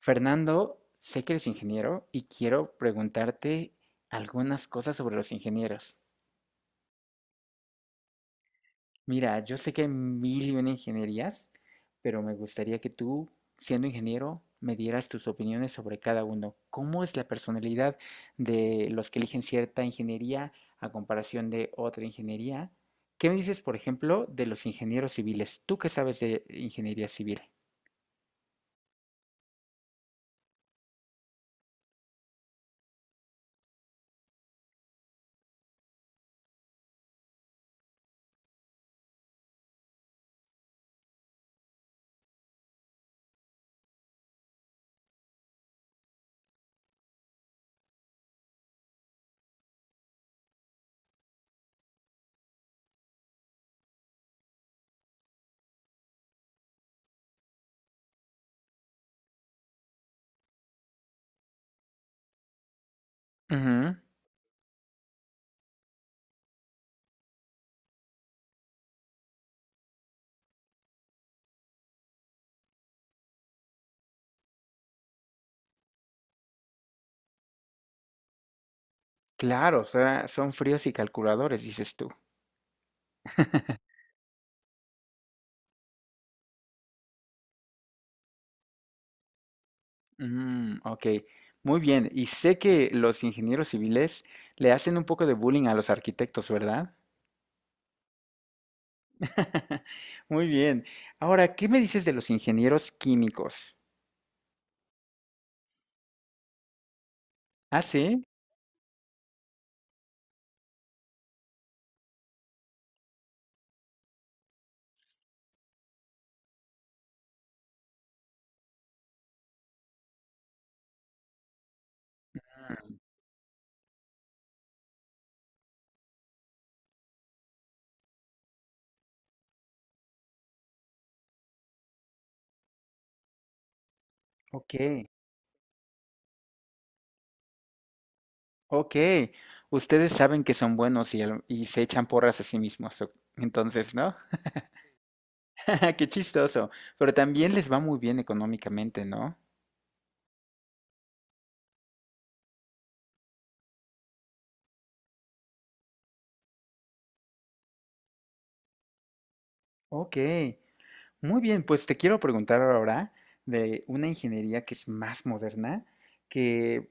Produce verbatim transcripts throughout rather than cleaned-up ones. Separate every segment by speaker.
Speaker 1: Fernando, sé que eres ingeniero y quiero preguntarte algunas cosas sobre los ingenieros. Mira, yo sé que hay mil y una ingenierías, pero me gustaría que tú, siendo ingeniero, me dieras tus opiniones sobre cada uno. ¿Cómo es la personalidad de los que eligen cierta ingeniería a comparación de otra ingeniería? ¿Qué me dices, por ejemplo, de los ingenieros civiles? ¿Tú qué sabes de ingeniería civil? Ujú. Claro, o sea, son fríos y calculadores, dices tú. Mm, ok, muy bien. Y sé que los ingenieros civiles le hacen un poco de bullying a los arquitectos, ¿verdad? Muy bien. Ahora, ¿qué me dices de los ingenieros químicos? Ah, sí. Ok, ok. Ustedes saben que son buenos y, al- y se echan porras a sí mismos, o- entonces, ¿no? Qué chistoso. Pero también les va muy bien económicamente, ¿no? Ok. Muy bien, pues te quiero preguntar ahora de una ingeniería que es más moderna, que,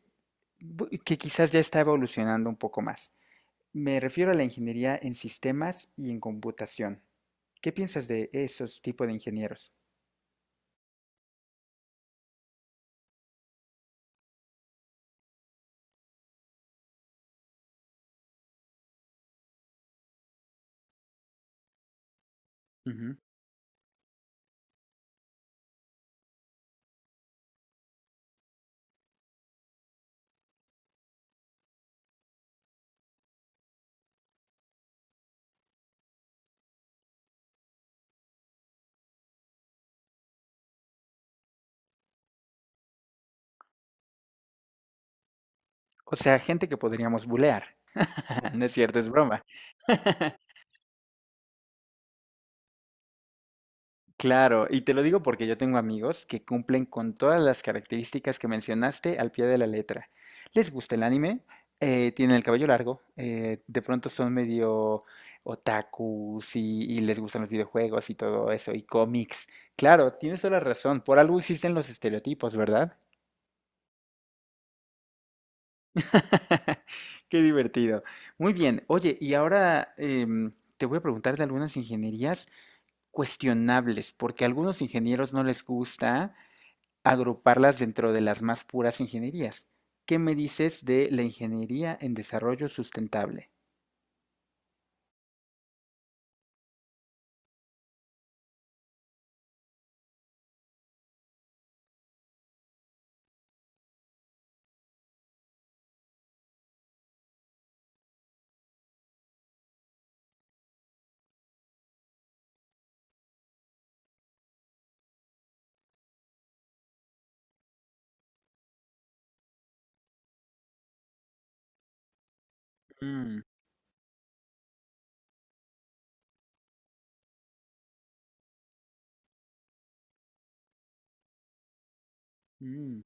Speaker 1: bu- que quizás ya está evolucionando un poco más. Me refiero a la ingeniería en sistemas y en computación. ¿Qué piensas de esos tipos de ingenieros? Ujú. O sea, gente que podríamos bulear. No es cierto, es broma. Claro, y te lo digo porque yo tengo amigos que cumplen con todas las características que mencionaste al pie de la letra. Les gusta el anime, eh, tienen el cabello largo, eh, de pronto son medio otakus y, y les gustan los videojuegos y todo eso, y cómics. Claro, tienes toda la razón, por algo existen los estereotipos, ¿verdad? Qué divertido. Muy bien, oye, y ahora em, te voy a preguntar de algunas ingenierías cuestionables, porque a algunos ingenieros no les gusta agruparlas dentro de las más puras ingenierías. ¿Qué me dices de la ingeniería en desarrollo sustentable? Mm, mm,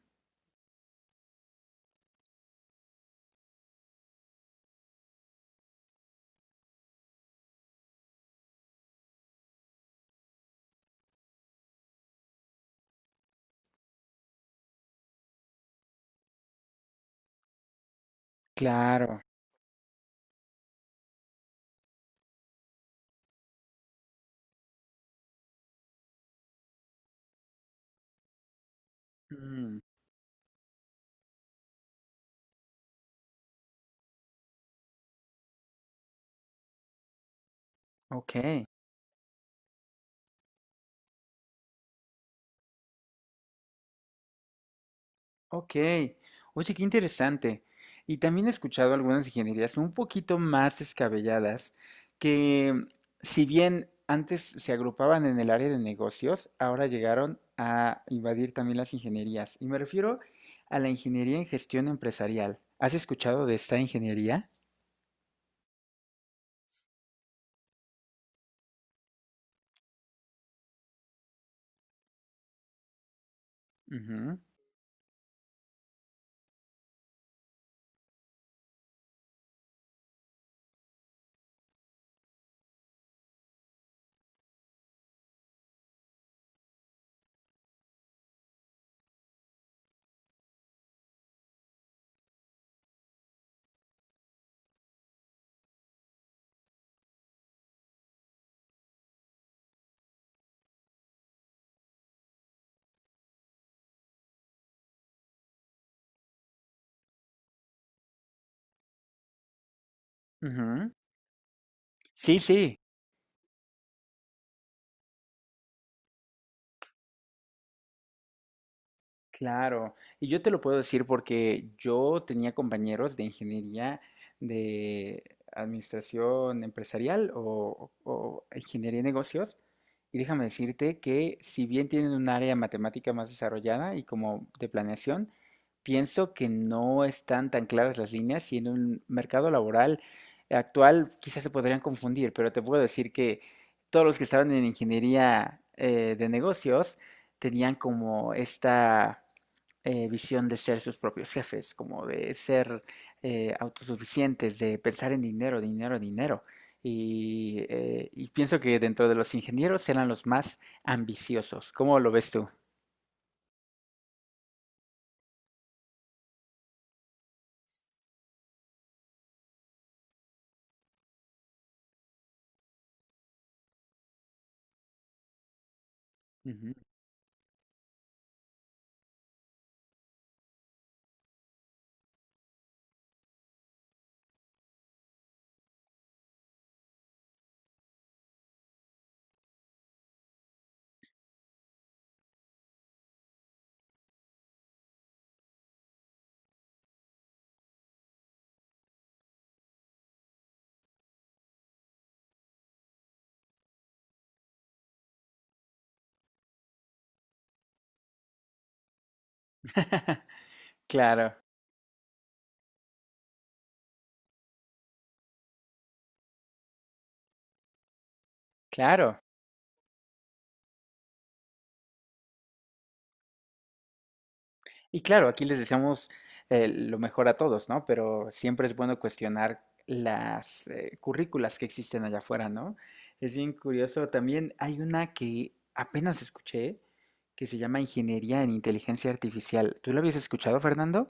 Speaker 1: claro. Mm, ok, ok. Oye, qué interesante. Y también he escuchado algunas ingenierías un poquito más descabelladas que, mm, si bien antes se agrupaban en el área de negocios, ahora llegaron a invadir también las ingenierías. Y me refiero a la ingeniería en gestión empresarial. ¿Has escuchado de esta ingeniería? Ujú, ujú. Sí, sí. Claro, y yo te lo puedo decir porque yo tenía compañeros de ingeniería de administración empresarial o, o ingeniería de negocios, y déjame decirte que si bien tienen un área matemática más desarrollada y como de planeación, pienso que no están tan claras las líneas y en un mercado laboral actual quizás se podrían confundir, pero te puedo decir que todos los que estaban en ingeniería eh, de negocios, tenían como esta eh, visión de ser sus propios jefes, como de ser eh, autosuficientes, de pensar en dinero, dinero, dinero. Y, eh, y pienso que dentro de los ingenieros eran los más ambiciosos. ¿Cómo lo ves tú? Ujú. Claro, claro. Y claro, aquí les deseamos eh, lo mejor a todos, ¿no? Pero siempre es bueno cuestionar las eh, currículas que existen allá afuera, ¿no? Es bien curioso. También hay una que apenas escuché que se llama Ingeniería en Inteligencia Artificial. ¿Tú la habías escuchado, Fernando?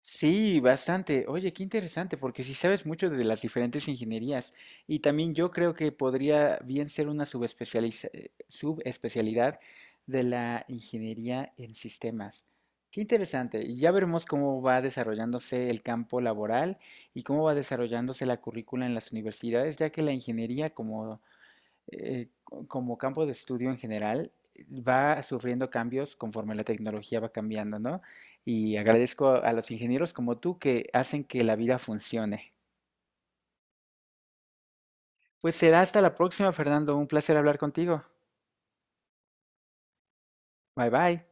Speaker 1: Sí, bastante. Oye, qué interesante, porque sí sabes mucho de las diferentes ingenierías. Y también yo creo que podría bien ser una subespecializa- eh, subespecialidad de la ingeniería en sistemas. Qué interesante. Y ya veremos cómo va desarrollándose el campo laboral y cómo va desarrollándose la currícula en las universidades, ya que la ingeniería, como eh, como campo de estudio en general, va sufriendo cambios conforme la tecnología va cambiando, ¿no? Y agradezco a a los ingenieros como tú que hacen que la vida funcione. Pues será hasta la próxima, Fernando. Un placer hablar contigo. Bye bye.